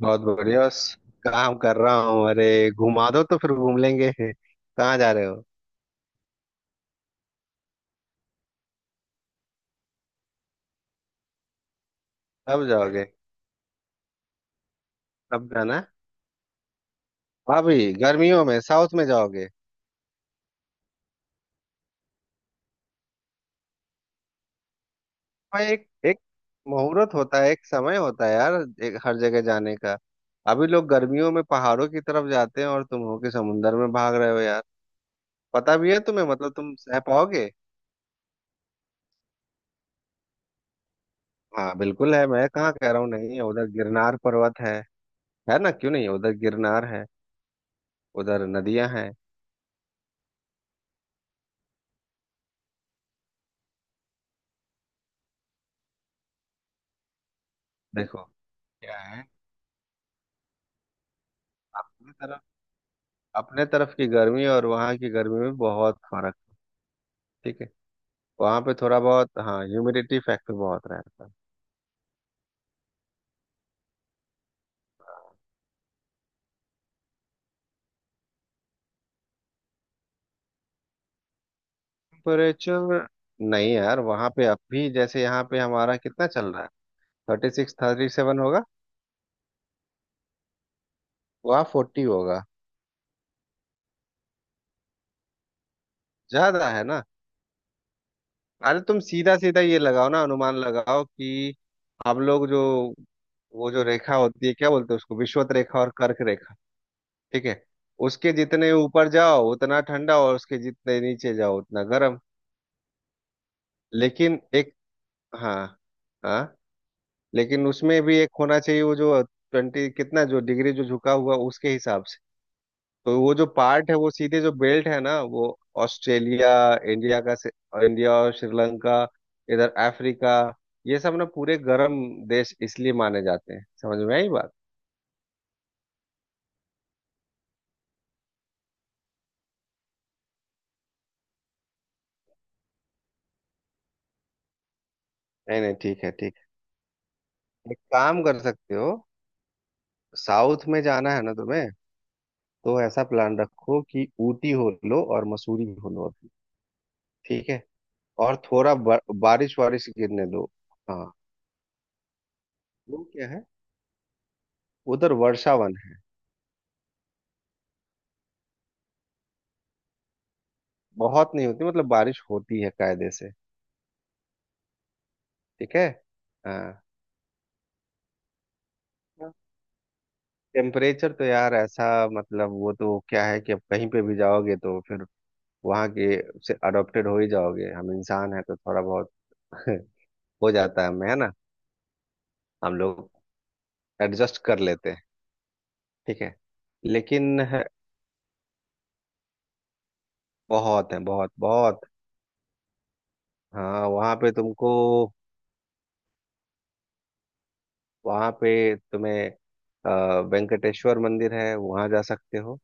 बहुत बढ़िया। बस काम कर रहा हूँ। अरे घुमा दो तो फिर घूम लेंगे। कहाँ जा रहे हो? कब जाओगे? कब जाना है? अभी गर्मियों में साउथ में जाओगे? हाँ, एक एक मुहूर्त होता है, एक समय होता है यार, एक हर जगह जाने का। अभी लोग गर्मियों में पहाड़ों की तरफ जाते हैं और तुम हो कि समुंदर में भाग रहे हो यार। पता भी है तुम्हें? मतलब तुम सह पाओगे? हाँ बिल्कुल है, मैं कहाँ कह रहा हूँ नहीं है, उधर गिरनार पर्वत है। है ना, क्यों नहीं, उधर गिरनार है। उधर नदियां हैं। देखो क्या है, अपनी तरफ, अपने तरफ की गर्मी और वहाँ की गर्मी में बहुत फर्क। ठीक है, वहाँ पे थोड़ा बहुत हाँ ह्यूमिडिटी फैक्टर बहुत रहता है। टेम्परेचर, नहीं यार वहाँ पे, अभी जैसे यहाँ पे हमारा कितना चल रहा है, 36, 37 होगा। वहाँ 40 होगा, ज्यादा है ना। अरे तुम सीधा सीधा ये लगाओ ना, अनुमान लगाओ कि हम लोग जो, वो जो रेखा होती है क्या बोलते हैं उसको, विषुवत रेखा और कर्क रेखा। ठीक है, उसके जितने ऊपर जाओ उतना ठंडा और उसके जितने नीचे जाओ उतना गर्म। लेकिन एक हाँ हाँ लेकिन उसमें भी एक होना चाहिए, वो जो 20 कितना जो डिग्री जो झुका हुआ, उसके हिसाब से। तो वो जो पार्ट है वो सीधे जो बेल्ट है ना वो, ऑस्ट्रेलिया, इंडिया का से- इंडिया और श्रीलंका, इधर अफ्रीका, ये सब ना पूरे गर्म देश इसलिए माने जाते हैं। समझ में आई बात? नहीं नहीं ठीक है, ठीक है, एक काम कर सकते हो। साउथ में जाना है ना तुम्हें, तो ऐसा प्लान रखो कि ऊटी हो लो और मसूरी हो लो अभी। ठीक है, और थोड़ा बारिश वारिश गिरने दो। हाँ, वो क्या है, उधर वर्षावन है। बहुत नहीं होती, मतलब बारिश होती है कायदे से। ठीक है, हाँ, टेम्परेचर तो यार ऐसा, मतलब वो तो क्या है कि अब कहीं पे भी जाओगे तो फिर वहाँ के से अडॉप्टेड हो ही जाओगे। हम इंसान हैं तो थोड़ा बहुत हो जाता है हमें, है ना। हम लोग एडजस्ट कर लेते हैं। ठीक है लेकिन है, बहुत है, बहुत बहुत। हाँ वहाँ पे तुमको, वहाँ पे तुम्हें अ, वेंकटेश्वर मंदिर है, वहाँ जा सकते हो।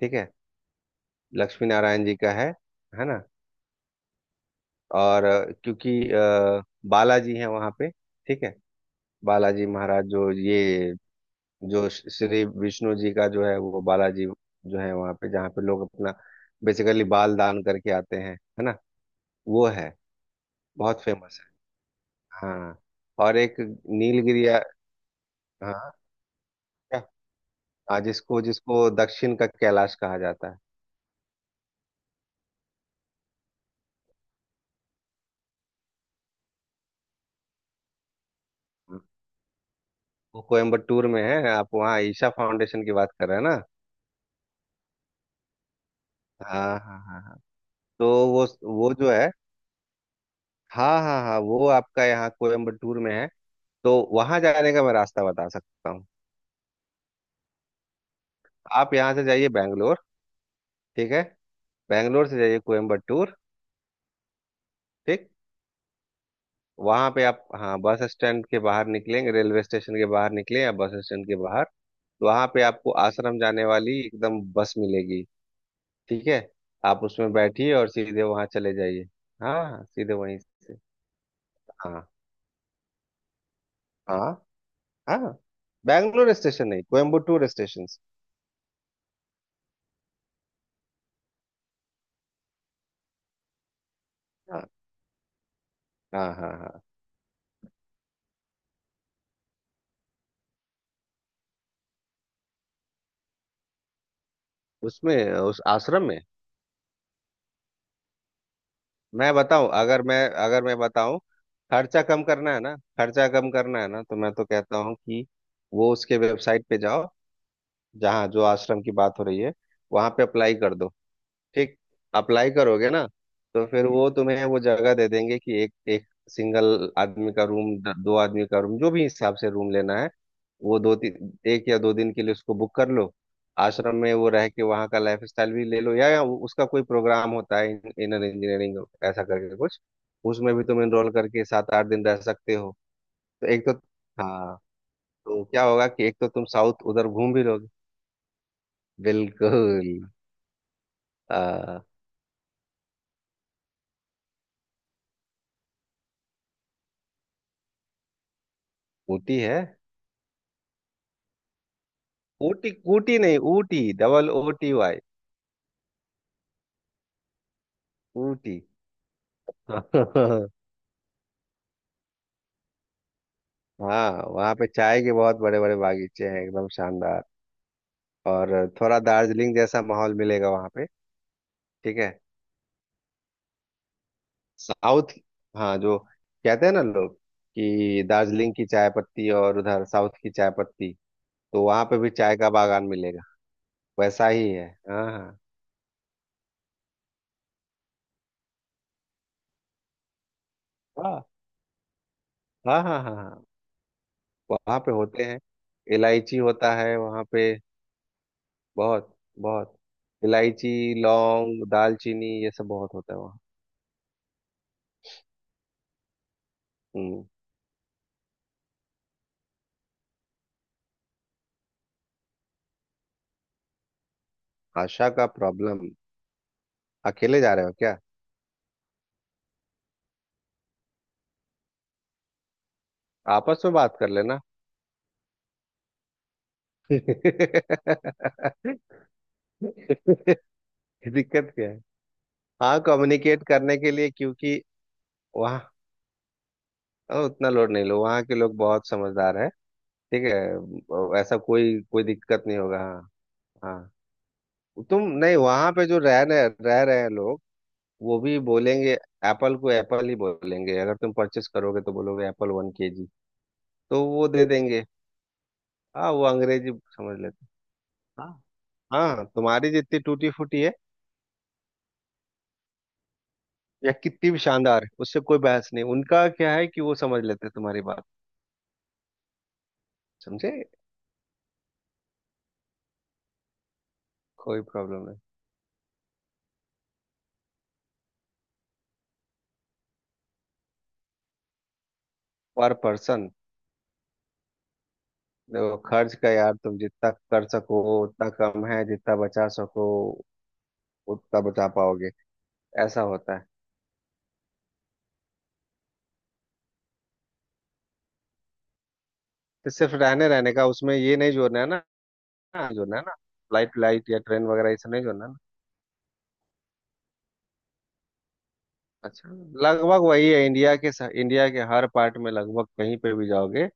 ठीक है, लक्ष्मी नारायण जी का है ना। और बालाजी है वहाँ पे। ठीक है, बालाजी महाराज जो ये, जो श्री विष्णु जी का जो है वो बालाजी, जो है वहाँ पे, जहाँ पे लोग अपना बेसिकली बाल दान करके आते हैं, है ना। वो है, बहुत फेमस है। हाँ, और एक नीलगिरी, हाँ, क्या, हाँ, जिसको जिसको दक्षिण का कैलाश कहा जाता है। हाँ। वो कोयम्बटूर में है, आप वहाँ ईशा फाउंडेशन की बात कर रहे हैं ना। हाँ हाँ हाँ हाँ, तो वो जो है, हाँ हाँ हाँ, वो आपका यहाँ कोयम्बटूर में है। तो वहाँ जाने का मैं रास्ता बता सकता हूँ। आप यहाँ से जाइए बैंगलोर। ठीक है, बैंगलोर से जाइए कोयम्बटूर। ठीक, वहाँ पे आप, हाँ, बस स्टैंड के बाहर निकलेंगे, रेलवे स्टेशन के बाहर निकले या बस स्टैंड के बाहर, तो वहाँ पे आपको आश्रम जाने वाली एकदम बस मिलेगी। ठीक है, आप उसमें बैठिए और सीधे वहाँ चले जाइए। हाँ हाँ, सीधे वहीं से। हाँ हाँ हाँ, बैंगलोर स्टेशन नहीं, कोयम्बटूर स्टेशन। हाँ हाँ हाँ हाँ, उसमें उस आश्रम में। मैं बताऊं अगर मैं अगर मैं बताऊं, खर्चा कम करना है ना, तो मैं तो कहता हूं कि वो उसके वेबसाइट पे जाओ, जहाँ जो आश्रम की बात हो रही है, वहां पे अप्लाई कर दो। ठीक, अप्लाई करोगे ना, तो फिर वो तुम्हें वो जगह दे देंगे कि एक एक सिंगल आदमी का रूम, दो आदमी का रूम, जो भी हिसाब से रूम लेना है, वो दो तीन एक या दो दिन के लिए उसको बुक कर लो। आश्रम में वो रह के वहाँ का लाइफ स्टाइल भी ले लो, या उसका कोई प्रोग्राम होता है, इनर इंजीनियरिंग, ऐसा करके कुछ, उसमें भी तुम एनरोल करके 7, 8 दिन रह सकते हो। तो एक तो हाँ तो क्या होगा कि एक तो तुम साउथ उधर घूम भी लोगे। बिल्कुल, आ, ऊटी है। ऊटी ऊटी नहीं Ooty double O T Y, Ooty. हाँ वहाँ पे चाय के बहुत बड़े बड़े बागीचे हैं, एकदम शानदार। और थोड़ा दार्जिलिंग जैसा माहौल मिलेगा वहाँ पे। ठीक है, साउथ, हाँ जो, कहते हैं ना लोग कि दार्जिलिंग की चाय पत्ती और उधर साउथ की चाय पत्ती, तो वहाँ पे भी चाय का बागान मिलेगा, वैसा ही है। हाँ हाँ हाँ हाँ हाँ हाँ हाँ। वहाँ पे होते हैं, इलायची होता है वहाँ पे, बहुत बहुत, इलायची लौंग दालचीनी ये सब बहुत होता है वहाँ। हम्म आशा का प्रॉब्लम, अकेले जा रहे हो क्या? आपस में बात कर लेना। दिक्कत क्या है? हाँ कम्युनिकेट करने के लिए, क्योंकि वहाँ उतना लोड नहीं लो, वहाँ के लोग बहुत समझदार है। ठीक है, ऐसा कोई कोई दिक्कत नहीं होगा, हाँ। हाँ तुम नहीं, वहाँ पे जो रह रहे हैं लोग, वो भी बोलेंगे एप्पल को एप्पल ही बोलेंगे। अगर तुम परचेस करोगे तो बोलोगे एप्पल 1 KG, तो वो दे देंगे। हाँ, वो अंग्रेजी समझ लेते हैं। हाँ हाँ, तुम्हारी जितनी टूटी फूटी है या कितनी भी शानदार है, उससे कोई बहस नहीं, उनका क्या है कि वो समझ लेते हैं तुम्हारी बात। समझे, कोई प्रॉब्लम नहीं। पर पर्सन, देखो खर्च का यार तुम जितना कर सको उतना कम है, जितना बचा सको उतना बचा पाओगे, ऐसा होता है। तो सिर्फ रहने रहने का, उसमें ये नहीं जोड़ना है ना, ना जो ना ना फ्लाइट लाइट या ट्रेन वगैरह, ऐसा नहीं जो ना ना। अच्छा, लगभग वही है, इंडिया के हर पार्ट में, लगभग कहीं पे भी जाओगे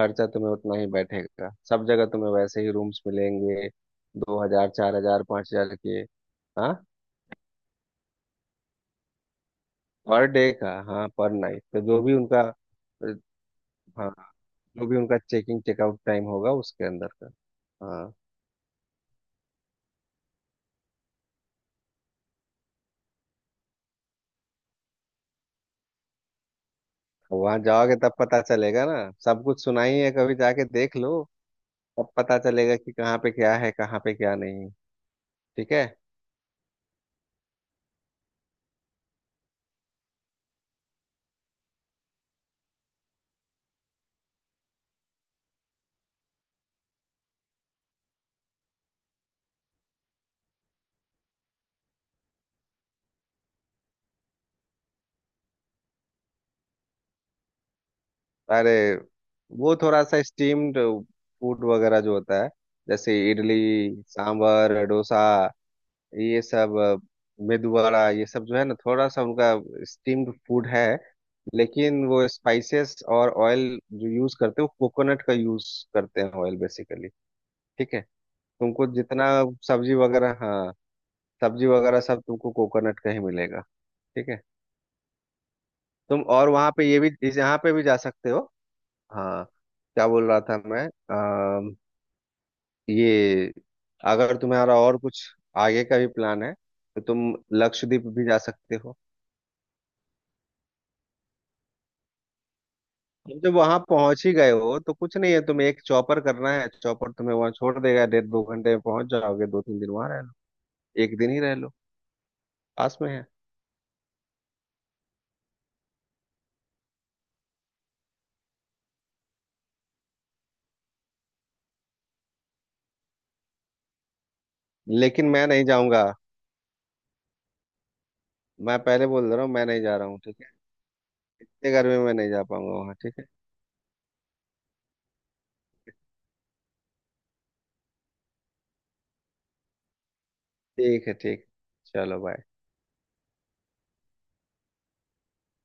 खर्चा तुम्हें उतना ही बैठेगा, सब जगह तुम्हें वैसे ही रूम्स मिलेंगे, 2,000, 4,000, 5,000 के। हाँ, पर डे का, हाँ पर नाइट तो जो भी उनका अ, हाँ जो भी उनका चेकिंग चेकआउट टाइम होगा, उसके अंदर का। हाँ, वहां जाओगे तब पता चलेगा ना, सब कुछ सुना ही है, कभी जाके देख लो, तब पता चलेगा कि कहाँ पे क्या है, कहाँ पे क्या नहीं है। ठीक है, अरे वो थोड़ा सा स्टीम्ड फूड वगैरह जो होता है, जैसे इडली सांभर डोसा ये सब, मेदू वड़ा, ये सब जो है ना, थोड़ा सा उनका स्टीम्ड फूड है, लेकिन वो स्पाइसेस और ऑयल जो यूज करते हैं, वो कोकोनट का यूज करते हैं, ऑयल बेसिकली। ठीक है, तुमको जितना सब्जी वगैरह, हाँ सब्जी वगैरह सब तुमको कोकोनट का ही मिलेगा। ठीक है, तुम और वहाँ पे ये भी, इस यहाँ पे भी जा सकते हो। हाँ, क्या बोल रहा था मैं, ये, अगर तुम्हारा और कुछ आगे का भी प्लान है तो तुम लक्षद्वीप भी जा सकते हो। तुम जब वहां पहुंच ही गए हो तो कुछ नहीं है, तुम्हें एक चौपर करना है, चौपर तुम्हें वहां छोड़ देगा, 1.5, 2 घंटे में पहुंच जाओगे, 2, 3 दिन वहां रह लो, एक दिन ही रह लो। पास में है। लेकिन मैं नहीं जाऊंगा, मैं पहले बोल दे रहा हूँ, मैं नहीं जा रहा हूँ, ठीक है। इतने गर्मी में मैं नहीं जा पाऊंगा वहां, ठीक है। ठीक है, ठीक। चलो बाय।